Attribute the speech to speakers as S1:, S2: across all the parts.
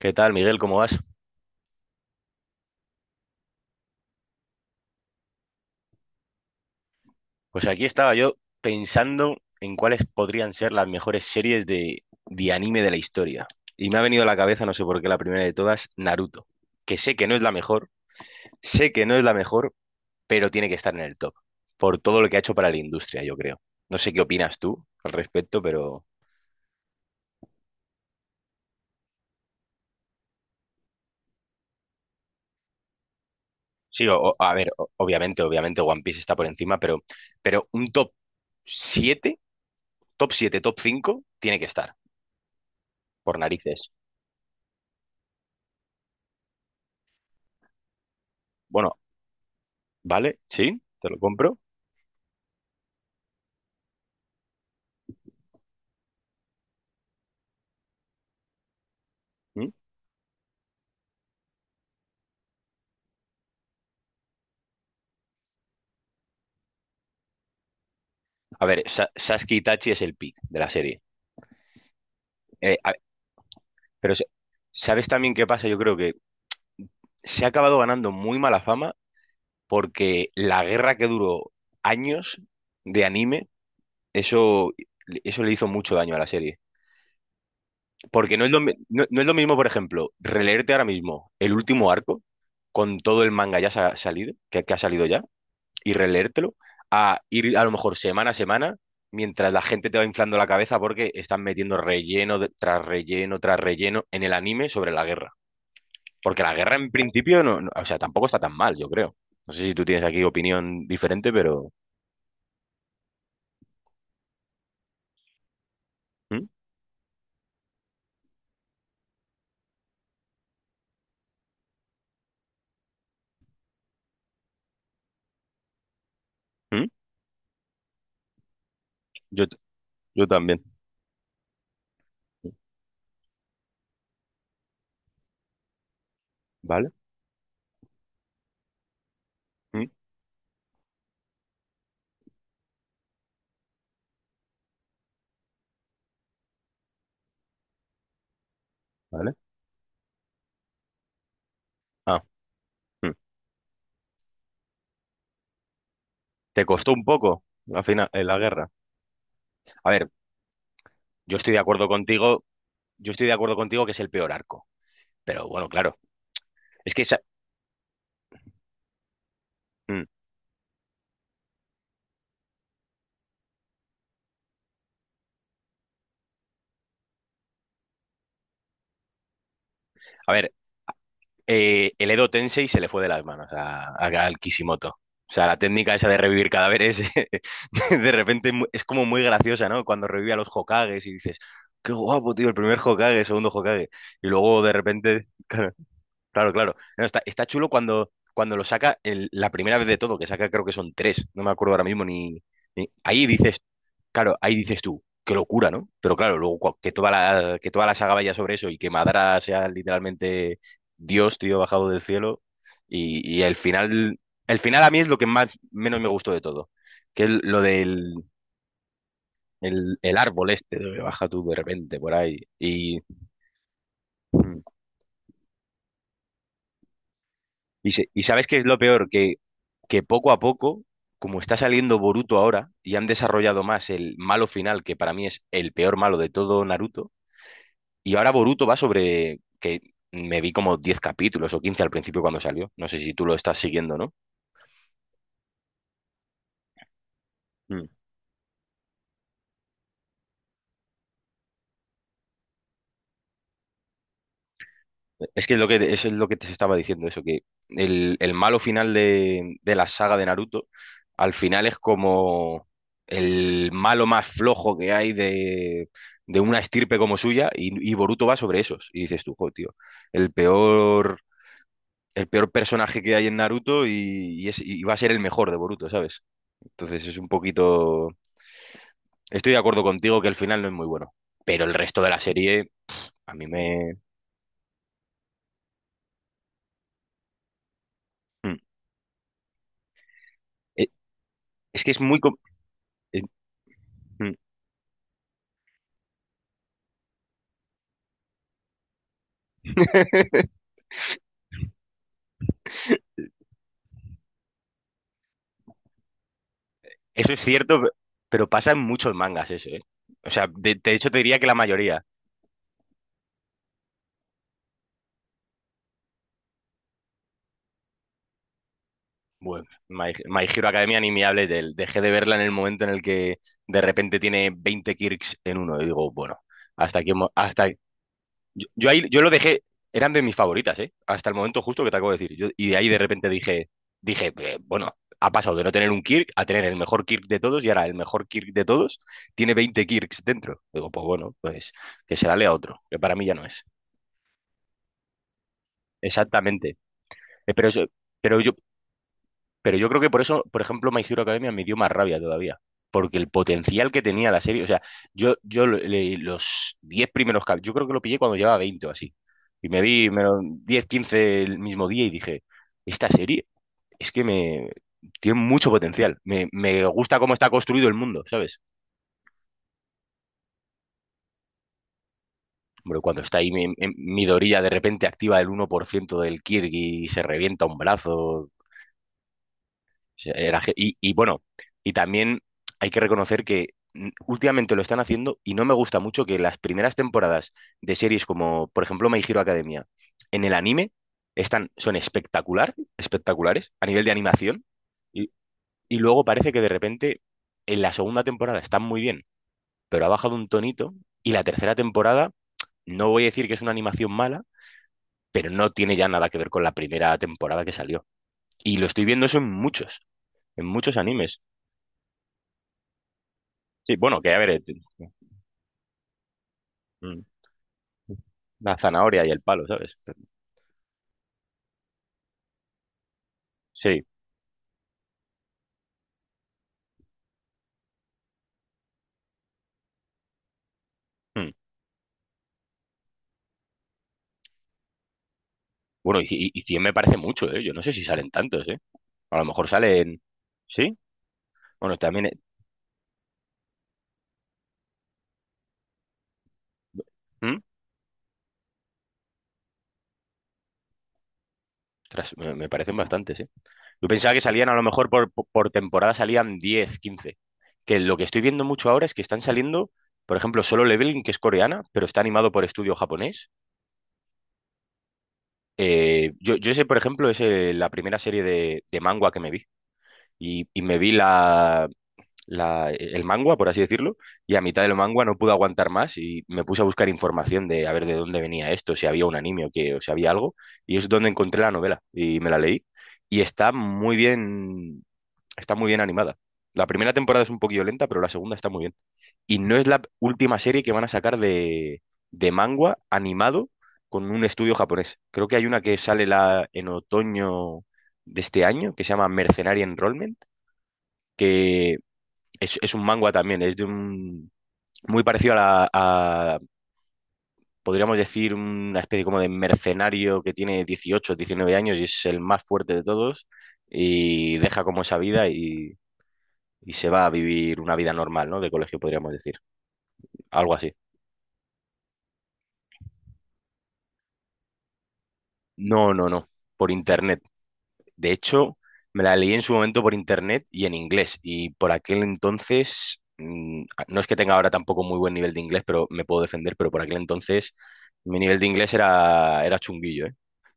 S1: ¿Qué tal, Miguel? ¿Cómo vas? Pues aquí estaba yo pensando en cuáles podrían ser las mejores series de anime de la historia. Y me ha venido a la cabeza, no sé por qué, la primera de todas, Naruto. Que sé que no es la mejor, sé que no es la mejor, pero tiene que estar en el top. Por todo lo que ha hecho para la industria, yo creo. No sé qué opinas tú al respecto, pero... Sí, a ver, obviamente, obviamente One Piece está por encima, pero un top 7, top 7, top 5, tiene que estar, por narices. Bueno, ¿vale? Sí, te lo compro. ¿Mm? A ver, Sasuke Itachi es el pick de la serie. Eh, a- pero se- ¿Sabes también qué pasa? Yo creo que se ha acabado ganando muy mala fama porque la guerra que duró años de anime, eso, eso le hizo mucho daño a la serie. Porque no, no es lo mismo, por ejemplo, releerte ahora mismo el último arco con todo el manga ya salido, que ha salido ya, y releértelo a ir a lo mejor semana a semana mientras la gente te va inflando la cabeza porque están metiendo relleno tras relleno tras relleno en el anime sobre la guerra. Porque la guerra en principio o sea, tampoco está tan mal, yo creo. No sé si tú tienes aquí opinión diferente, pero ¿Mm? ¿Mm? Yo, t- yo también, ¿vale? ¿Mm? ¿Vale? Ah, ¿Mm? ¿Te costó un poco al final la guerra? A ver, yo estoy de acuerdo contigo, yo estoy de acuerdo contigo que es el peor arco, pero bueno, claro, es que ¿Mm? A ver, el Edo Tensei se le fue de las manos a, al Kishimoto. O sea, la técnica esa de revivir cadáveres, de repente es como muy graciosa, ¿no? Cuando revive a los Hokages y dices, qué guapo, tío, el primer Hokage, el segundo Hokage. Y luego de repente, claro, claro. Claro. No, está, está chulo cuando, cuando lo saca la primera vez de todo, que saca creo que son tres, no me acuerdo ahora mismo ni... ni... Ahí dices, claro, ahí dices tú, qué locura, ¿no? Pero claro, luego que toda la saga vaya sobre eso y que Madara sea literalmente Dios, tío, bajado del cielo. Y el final a mí es lo que más menos me gustó de todo, que es lo del el árbol este, donde baja tú de repente por ahí. Y, mm, y, y sabes qué es lo peor, que poco a poco, como está saliendo Boruto ahora y han desarrollado más el malo final, que para mí es el peor malo de todo Naruto. Y ahora Boruto va sobre que me vi como 10 capítulos o 15 al principio cuando salió. No sé si tú lo estás siguiendo, ¿no? Mm. Es que es lo que, eso es lo que te estaba diciendo, eso, que el malo final de la saga de Naruto, al final es como el malo más flojo que hay de una estirpe como suya, y Boruto va sobre esos. Y dices tú, "Jo, tío, el peor, el peor personaje que hay en Naruto y es, y va a ser el mejor de Boruto, ¿sabes? Entonces es un poquito. Estoy de acuerdo contigo que el final no es muy bueno, pero el resto de la serie a mí me... Mm. Eh, Es que es muy... eh, mm. Eso es cierto, pero pasa en muchos mangas eso, ¿eh? O sea, de hecho te diría que la mayoría. Bueno, My Hero Academia ni me hables de él. Dejé de verla en el momento en el que de repente tiene 20 kirks en uno. Y digo, bueno, hasta aquí hemos, hasta... Yo ahí yo lo dejé, eran de mis favoritas, ¿eh? Hasta el momento justo que te acabo de decir. Y de ahí de repente dije, dije, bueno, ha pasado de no tener un Kirk a tener el mejor Kirk de todos y ahora el mejor Kirk de todos tiene 20 Kirks dentro. Digo, pues bueno, pues que se la lea otro, que para mí ya no es. Exactamente. Eh, Pero, eso- pero yo... Pero yo creo que por eso, por ejemplo, My Hero Academia me dio más rabia todavía. Porque el potencial que tenía la serie, o sea, yo, los 10 primeros yo creo que lo pillé cuando llevaba 20 o así. Y me vi me lo- 10, 15 el mismo día y dije, esta serie es que me tiene mucho potencial. Me gusta cómo está construido el mundo, ¿sabes? Hombre, cuando está ahí mi, mi Midoriya de repente activa el uno por ciento del Kirby y se revienta un brazo, sí, era y bueno, y también hay que reconocer que últimamente lo están haciendo y no me gusta mucho que las primeras temporadas de series como, por ejemplo, My Hero Academia, en el anime, están, son espectacular, espectaculares a nivel de animación y, y luego parece que de repente en la segunda temporada están muy bien, pero ha bajado un tonito y la tercera temporada, no voy a decir que es una animación mala, pero no tiene ya nada que ver con la primera temporada que salió. Y lo estoy viendo eso en muchos animes. Sí, bueno, que a ver, mm, mm, la zanahoria y el palo, ¿sabes? Sí. Mm. Bueno, y 100 me parece mucho, ¿eh? Yo no sé si salen tantos, ¿eh? A lo mejor salen... ¿Sí? Bueno, también... ¿Mm? Ostras, me parecen bastantes, ¿eh? Yo pensaba que salían a lo mejor por temporada salían 10, 15. Que lo que estoy viendo mucho ahora es que están saliendo, por ejemplo, Solo Leveling, que es coreana, pero está animado por estudio japonés. Yo, yo ese, por ejemplo, es la primera serie de manga que me vi. Y me vi el mangua, por así decirlo, y a mitad del mangua no pude aguantar más y me puse a buscar información de a ver de dónde venía esto, si había un anime o que, o si había algo, y es donde encontré la novela y me la leí y está muy bien animada. La primera temporada es un poquillo lenta, pero la segunda está muy bien. Y no es la última serie que van a sacar de manga animado con un estudio japonés. Creo que hay una que sale en otoño de este año que se llama Mercenary Enrollment, que es un manga también, es de un muy parecido a, a, podríamos decir, una especie como de mercenario que tiene 18 19 años y es el más fuerte de todos y deja como esa vida y se va a vivir una vida normal, ¿no? De colegio, podríamos decir. Algo así. No, no, no. Por internet. De hecho, me la leí en su momento por internet y en inglés. Y por aquel entonces, mm, no es que tenga ahora tampoco muy buen nivel de inglés, pero me puedo defender, pero por aquel entonces mi nivel de inglés era, era chunguillo, ¿eh?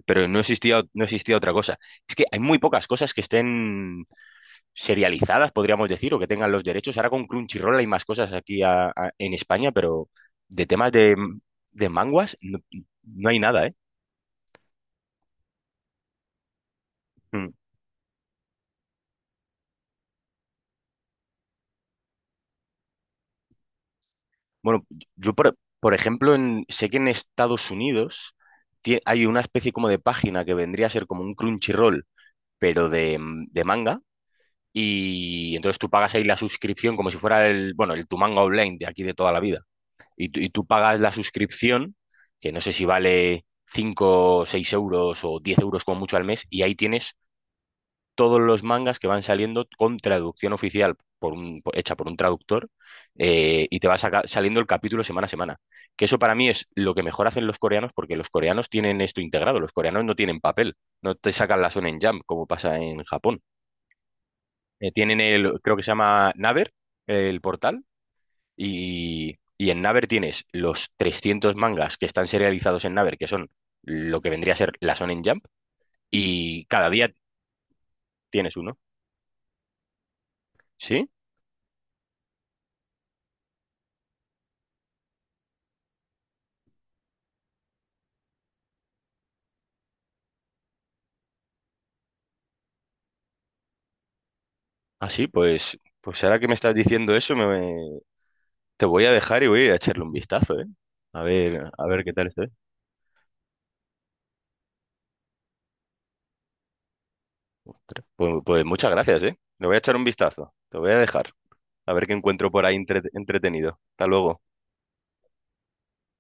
S1: Pero no existía, no existía otra cosa. Es que hay muy pocas cosas que estén serializadas, podríamos decir, o que tengan los derechos. Ahora con Crunchyroll hay más cosas aquí en España, pero de temas de manguas no, no hay nada, ¿eh? Mm. Bueno, yo por ejemplo sé que en Estados Unidos hay una especie como de página que vendría a ser como un Crunchyroll, pero de, mm, de manga. Y entonces tú pagas ahí la suscripción como si fuera el, bueno, el tu manga online de aquí de toda la vida. Y, y tú pagas la suscripción, que no sé si vale 5 6 euros o 10 euros como mucho al mes, y ahí tienes todos los mangas que van saliendo con traducción oficial hecha por un traductor y te va saliendo el capítulo semana a semana. Que eso para mí es lo que mejor hacen los coreanos porque los coreanos tienen esto integrado, los coreanos no tienen papel, no te sacan la Shonen Jump como pasa en Japón. Tienen el, creo que se llama Naver, el portal, y en Naver tienes los 300 mangas que están serializados en Naver, que son lo que vendría a ser la Shonen Jump, y cada día tienes uno. ¿Sí? Así, pues, pues ahora que me estás diciendo eso, me, te voy a dejar y voy a ir a echarle un vistazo, ¿eh? A ver qué tal estoy. Pues, pues muchas gracias, ¿eh? Le voy a echar un vistazo. Te voy a dejar. A ver qué encuentro por ahí entretenido. Hasta luego.